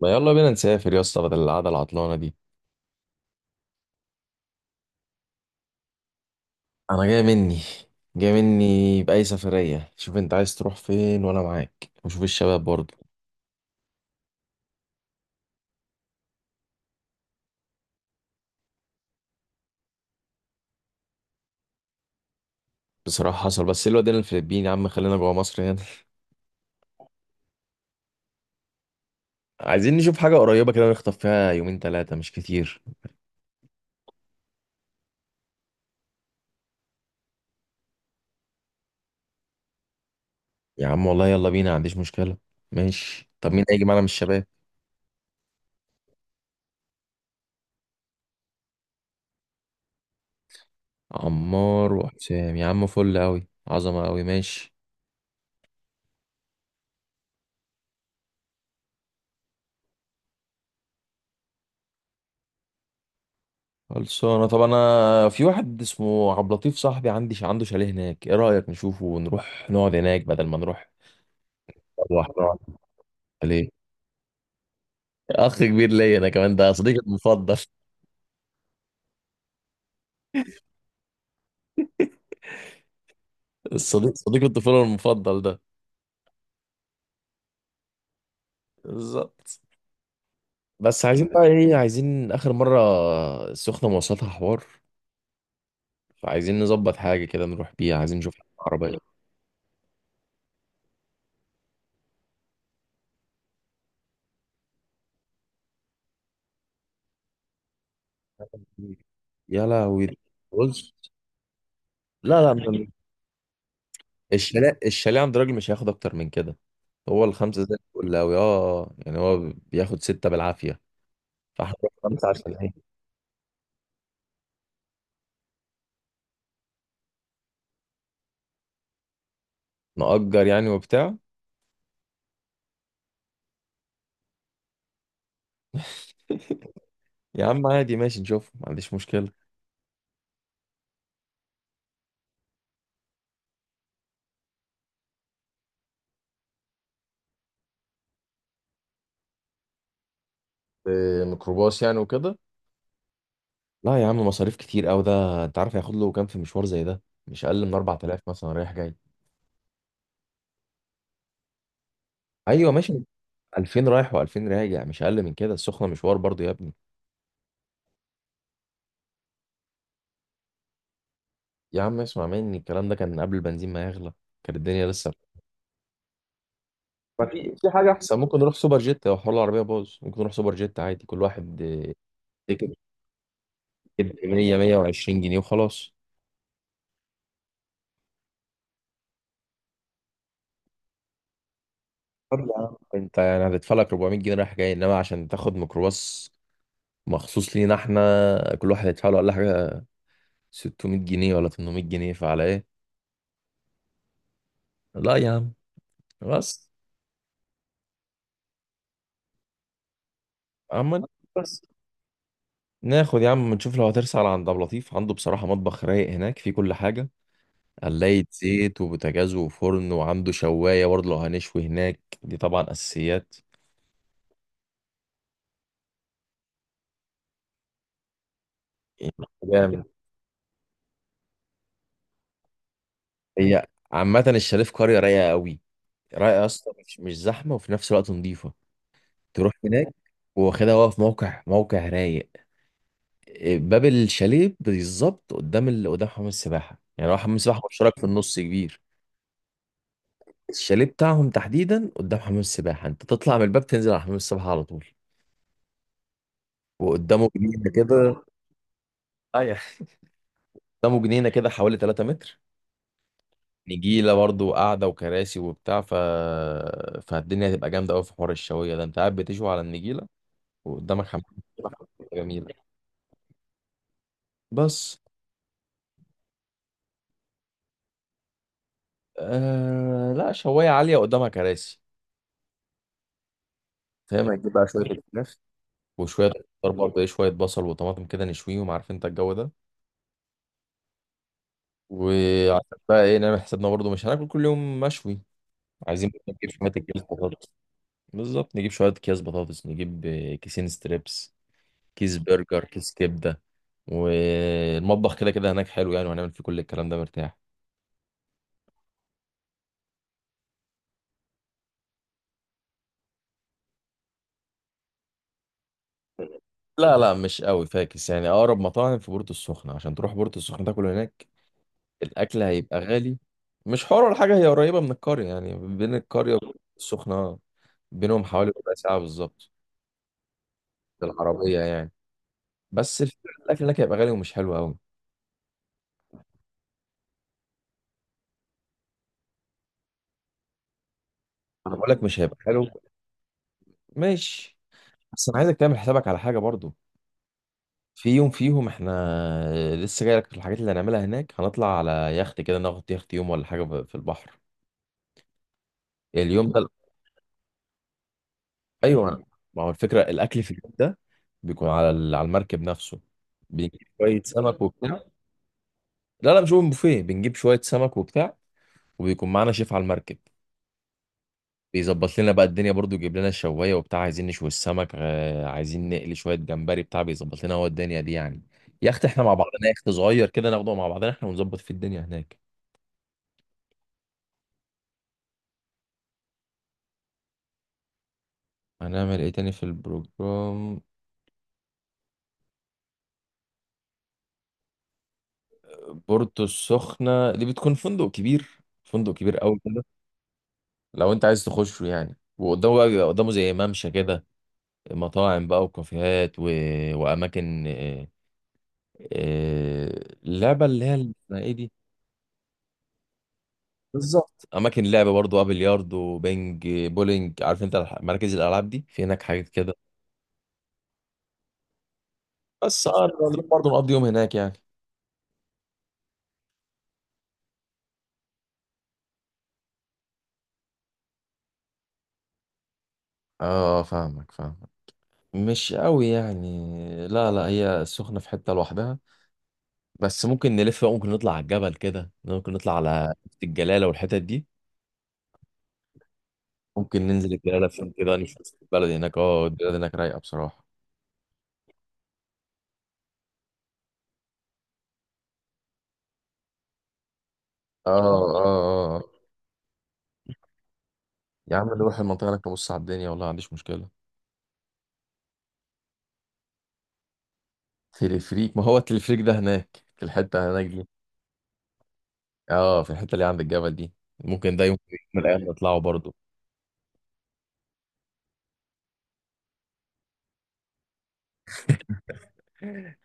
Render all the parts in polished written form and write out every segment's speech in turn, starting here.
ما يلا بينا نسافر يا اسطى بدل القعده العطلانه دي. انا جاي مني، باي سفريه، شوف انت عايز تروح فين وانا معاك، وشوف الشباب برضه. بصراحه حصل، بس إيه الواد، هنا الفلبين يا عم؟ خلينا جوه مصر هنا عايزين نشوف حاجه قريبه كده، نخطف فيها يومين ثلاثه مش كتير. يا عم والله يلا بينا، ما عنديش مشكله. ماشي، طب مين هيجي معانا من الشباب؟ عمار وحسام، يا عم فل قوي، عظمه قوي. ماشي، خلصانة. طب انا في واحد اسمه عبد اللطيف صاحبي، عندي عنده شاليه هناك، ايه رأيك نشوفه ونروح نقعد هناك بدل ما نروح نقعد ليه؟ اخ كبير ليا انا كمان، ده صديقي المفضل الصديق صديق الطفولة المفضل ده. بالظبط. بس عايزين بقى ايه، عايزين اخر مرة السخنة، مواصلاتها حوار. فعايزين نظبط حاجة كده نروح بيها، عايزين نشوف عربية. يا لهوي. بص. لا لا، الشاليه عند راجل مش هياخد اكتر من كده. هو الخمسه زي الفل قوي، اه يعني هو بياخد سته بالعافيه. فاحنا نروح خمسه عشان ايه، نأجر يعني وبتاع. يا عم عادي ماشي، نشوف، ما عنديش مشكله. إيه، ميكروباص يعني وكده؟ لا يا عم، مصاريف كتير قوي ده، انت عارف هياخد له كام في مشوار زي ده؟ مش اقل من 4000 مثلا رايح جاي. ايوه ماشي، 2000 رايح و2000 راجع، مش اقل من كده، السخنه مشوار برضو يا ابني. يا عم اسمع مني، الكلام ده كان قبل البنزين ما يغلى، كانت الدنيا لسه. ما في حاجة أحسن، ممكن نروح سوبر جيت، لو حوار العربية باظ ممكن نروح سوبر جيت عادي، كل واحد تيكت تيكت 100 120 جنيه وخلاص. طب يا عم أنت يعني هتدفع لك 400 جنيه رايح جاي إنما عشان تاخد ميكروباص مخصوص لينا، إحنا كل واحد يدفع له ولا حاجة، 600 جنيه ولا 800 جنيه، فعلى إيه؟ لا يا عم، بس. عم، بس. ناخد يا عم، نشوف لو هترسل على عند أبو لطيف، عنده بصراحة مطبخ رايق هناك فيه كل حاجة، قلاية زيت وبوتاجاز وفرن، وعنده شواية برضه لو هنشوي هناك، دي طبعا أساسيات. جامد. هي عامة الشاليه في قرية رايقة قوي، رايقة يا اسطى، مش زحمة وفي نفس الوقت نظيفة. تروح هناك واخدها، واقف موقع رايق. باب الشاليه بالظبط قدام ال... قدام حمام السباحة، يعني هو حمام السباحة مشترك في النص كبير. الشاليه بتاعهم تحديدا قدام حمام السباحة، انت تطلع من الباب تنزل على حمام السباحة على طول، وقدامه جنينة كده. ايوه، قدامه جنينة كده حوالي 3 متر، نجيله برضو وقعده وكراسي وبتاع، ف فالدنيا هتبقى جامده قوي، في حوار الشويه ده انت قاعد بتشوي على النجيله وقدامك حمام. جميله. بس آه لا، شوايه عاليه قدامها كراسي. فاهم، هتجيب بقى شويه الفراخ وشويه خضار برضه، ايه شويه بصل وطماطم كده نشويهم، عارف انت الجو ده. وعشان بقى ايه نعمل حسابنا برضه، مش هناكل كل يوم مشوي، عايزين نجيب شويه اكياس بطاطس. بالظبط، نجيب شويه اكياس بطاطس، نجيب كيسين ستريبس، كيس برجر، كيس كبده. والمطبخ كده كده هناك حلو يعني، وهنعمل فيه كل الكلام ده مرتاح. لا مش قوي فاكس يعني، اقرب مطاعم في بورتو السخنه، عشان تروح بورتو السخنه تاكل هناك الاكل هيبقى غالي. مش حوار ولا حاجه، هي قريبه من القريه يعني، بين القريه والسخنه بينهم حوالي ربع ساعه بالظبط، بالعربيه يعني. بس الفكرة الاكل هناك هيبقى غالي ومش حلو قوي، انا بقول لك مش هيبقى حلو. ماشي. بس انا عايزك تعمل حسابك على حاجه برضو. في يوم فيهم، احنا لسه جاي لك في الحاجات اللي هنعملها هناك، هنطلع على يخت كده، ناخد يخت يوم ولا حاجه ب- في البحر اليوم ده. ايوه. ما هو الفكره الاكل في اليوم ده بيكون على ال- على المركب نفسه، بنجيب شويه سمك وبتاع. لا مش اوبن بوفيه، بنجيب شويه سمك وبتاع، وبيكون معانا شيف على المركب، بيظبط لنا بقى الدنيا برضو، يجيب لنا الشوايه وبتاع، عايزين نشوي السمك عايزين نقلي شويه جمبري بتاع بيظبط لنا هو الدنيا دي يعني. يخت احنا مع بعضنا، يخت صغير كده ناخده مع بعضنا احنا، ونظبط في الدنيا هناك. هنعمل ايه تاني في البروجرام؟ بورتو السخنة دي بتكون فندق كبير، فندق كبير قوي كده، لو انت عايز تخشه يعني. وقدامه بقى بيبقى قدامه زي ممشى كده، مطاعم بقى وكافيهات و... واماكن اللعبة اللي هي ال- اسمها ايه دي؟ بالظبط، اماكن لعبة برضو بقى، بلياردو، بينج، بولينج، عارف انت الح- مراكز الالعاب دي، في هناك حاجات كده. بس اه، نروح برضو نقضي يوم هناك يعني. اه فاهمك، مش قوي يعني، لا لا هي السخنة في حتة لوحدها. بس ممكن نلف بقى، ممكن نطلع على الجبل كده، ممكن نطلع على حتة الجلالة والحتت دي. ممكن ننزل الجلالة فين كده نشوف البلد هناك، اه البلد هناك رايقة بصراحة. اه اه اه يا عم نروح المنطقة هناك نبص على الدنيا، والله ما عنديش مشكلة. تلفريك؟ ما هو التلفريك ده هناك في الحتة هناك دي، اه في الحتة اللي عند الجبل دي. ممكن ده يوم من الأيام نطلعه برضه.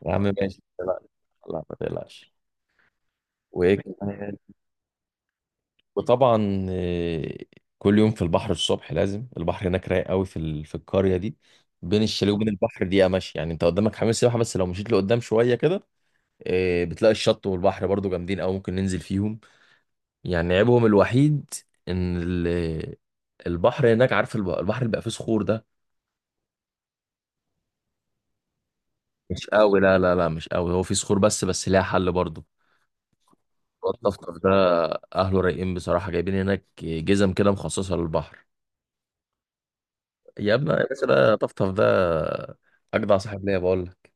يا عم ماشي، لا لا ما تقلقش. وايه كمان؟ وطبعا كل يوم في البحر الصبح، لازم، البحر هناك رايق قوي، في ال- في القريه دي بين الشاليه وبين البحر دقيقه ماشي يعني، انت قدامك حمام سباحه، بس لو مشيت لقدام شويه كده بتلاقي الشط والبحر برضو جامدين قوي، ممكن ننزل فيهم. يعني عيبهم الوحيد ان ال- البحر هناك، عارف الب- البحر اللي بقى فيه صخور ده؟ مش قوي، لا مش قوي، هو فيه صخور بس، بس ليها حل برضو. الطفطف ده اهله رايقين بصراحه، جايبين هناك جزم كده مخصصه للبحر. يا ابني يا باشا ده طفطف ده، اجدع صاحب ليا بقول لك.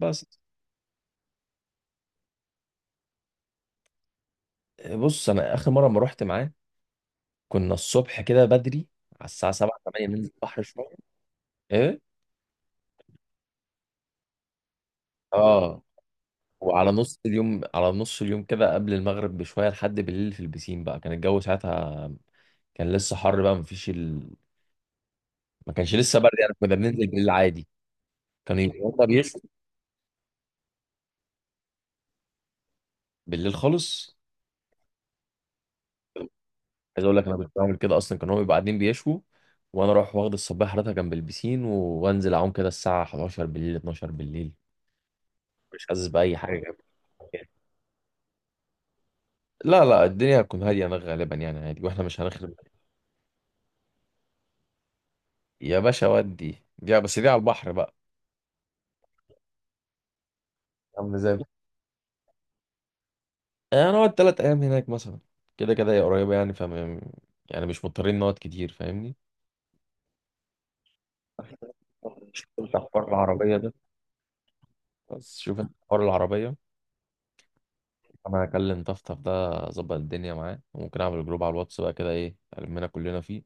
بس. بص انا اخر مره ما رحت معاه، كنا الصبح كده بدري، على الساعه 7 8 ننزل البحر شويه. ايه، اه. وعلى نص اليوم، كده قبل المغرب بشويه لحد بالليل في البسين بقى، كان الجو ساعتها كان لسه حر بقى، مفيش ال... ما كانش لسه برد يعني، كنا بننزل بالليل عادي. كانوا يبقوا هما بيشوا بالليل خالص، عايز اقول لك انا كنت بعمل كده اصلا، كان هو بيبقى قاعدين بيشوا، وانا اروح واخد الصباح حضرتها جنب البسين وانزل اعوم كده الساعه 11 بالليل 12 بالليل، مش حاسس باي حاجه. لا الدنيا هتكون هاديه انا غالبا، يعني عادي واحنا مش هنخرب. يا باشا ودي، دي بس على البحر بقى، عامل زي. هنقعد ثلاث ايام هناك مثلا، كده كده هي قريبه يعني، فم يعني مش مضطرين نقعد كتير، فاهمني. شوف انت حوار العربيه ده، بس شوف انت حوار العربيه. انا هكلم طفطف ده، اظبط الدنيا معاه، وممكن اعمل جروب على الواتس بقى كده، ايه المنا كلنا فيه.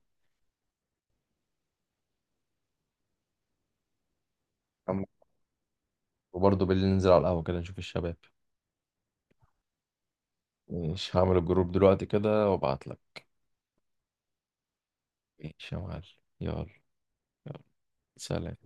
أم- وبرضه بالليل ننزل على القهوه كده نشوف الشباب. مش هعمل الجروب دلوقتي كده وابعت لك. ماشي يا معلم. يلا. يلا. سلام.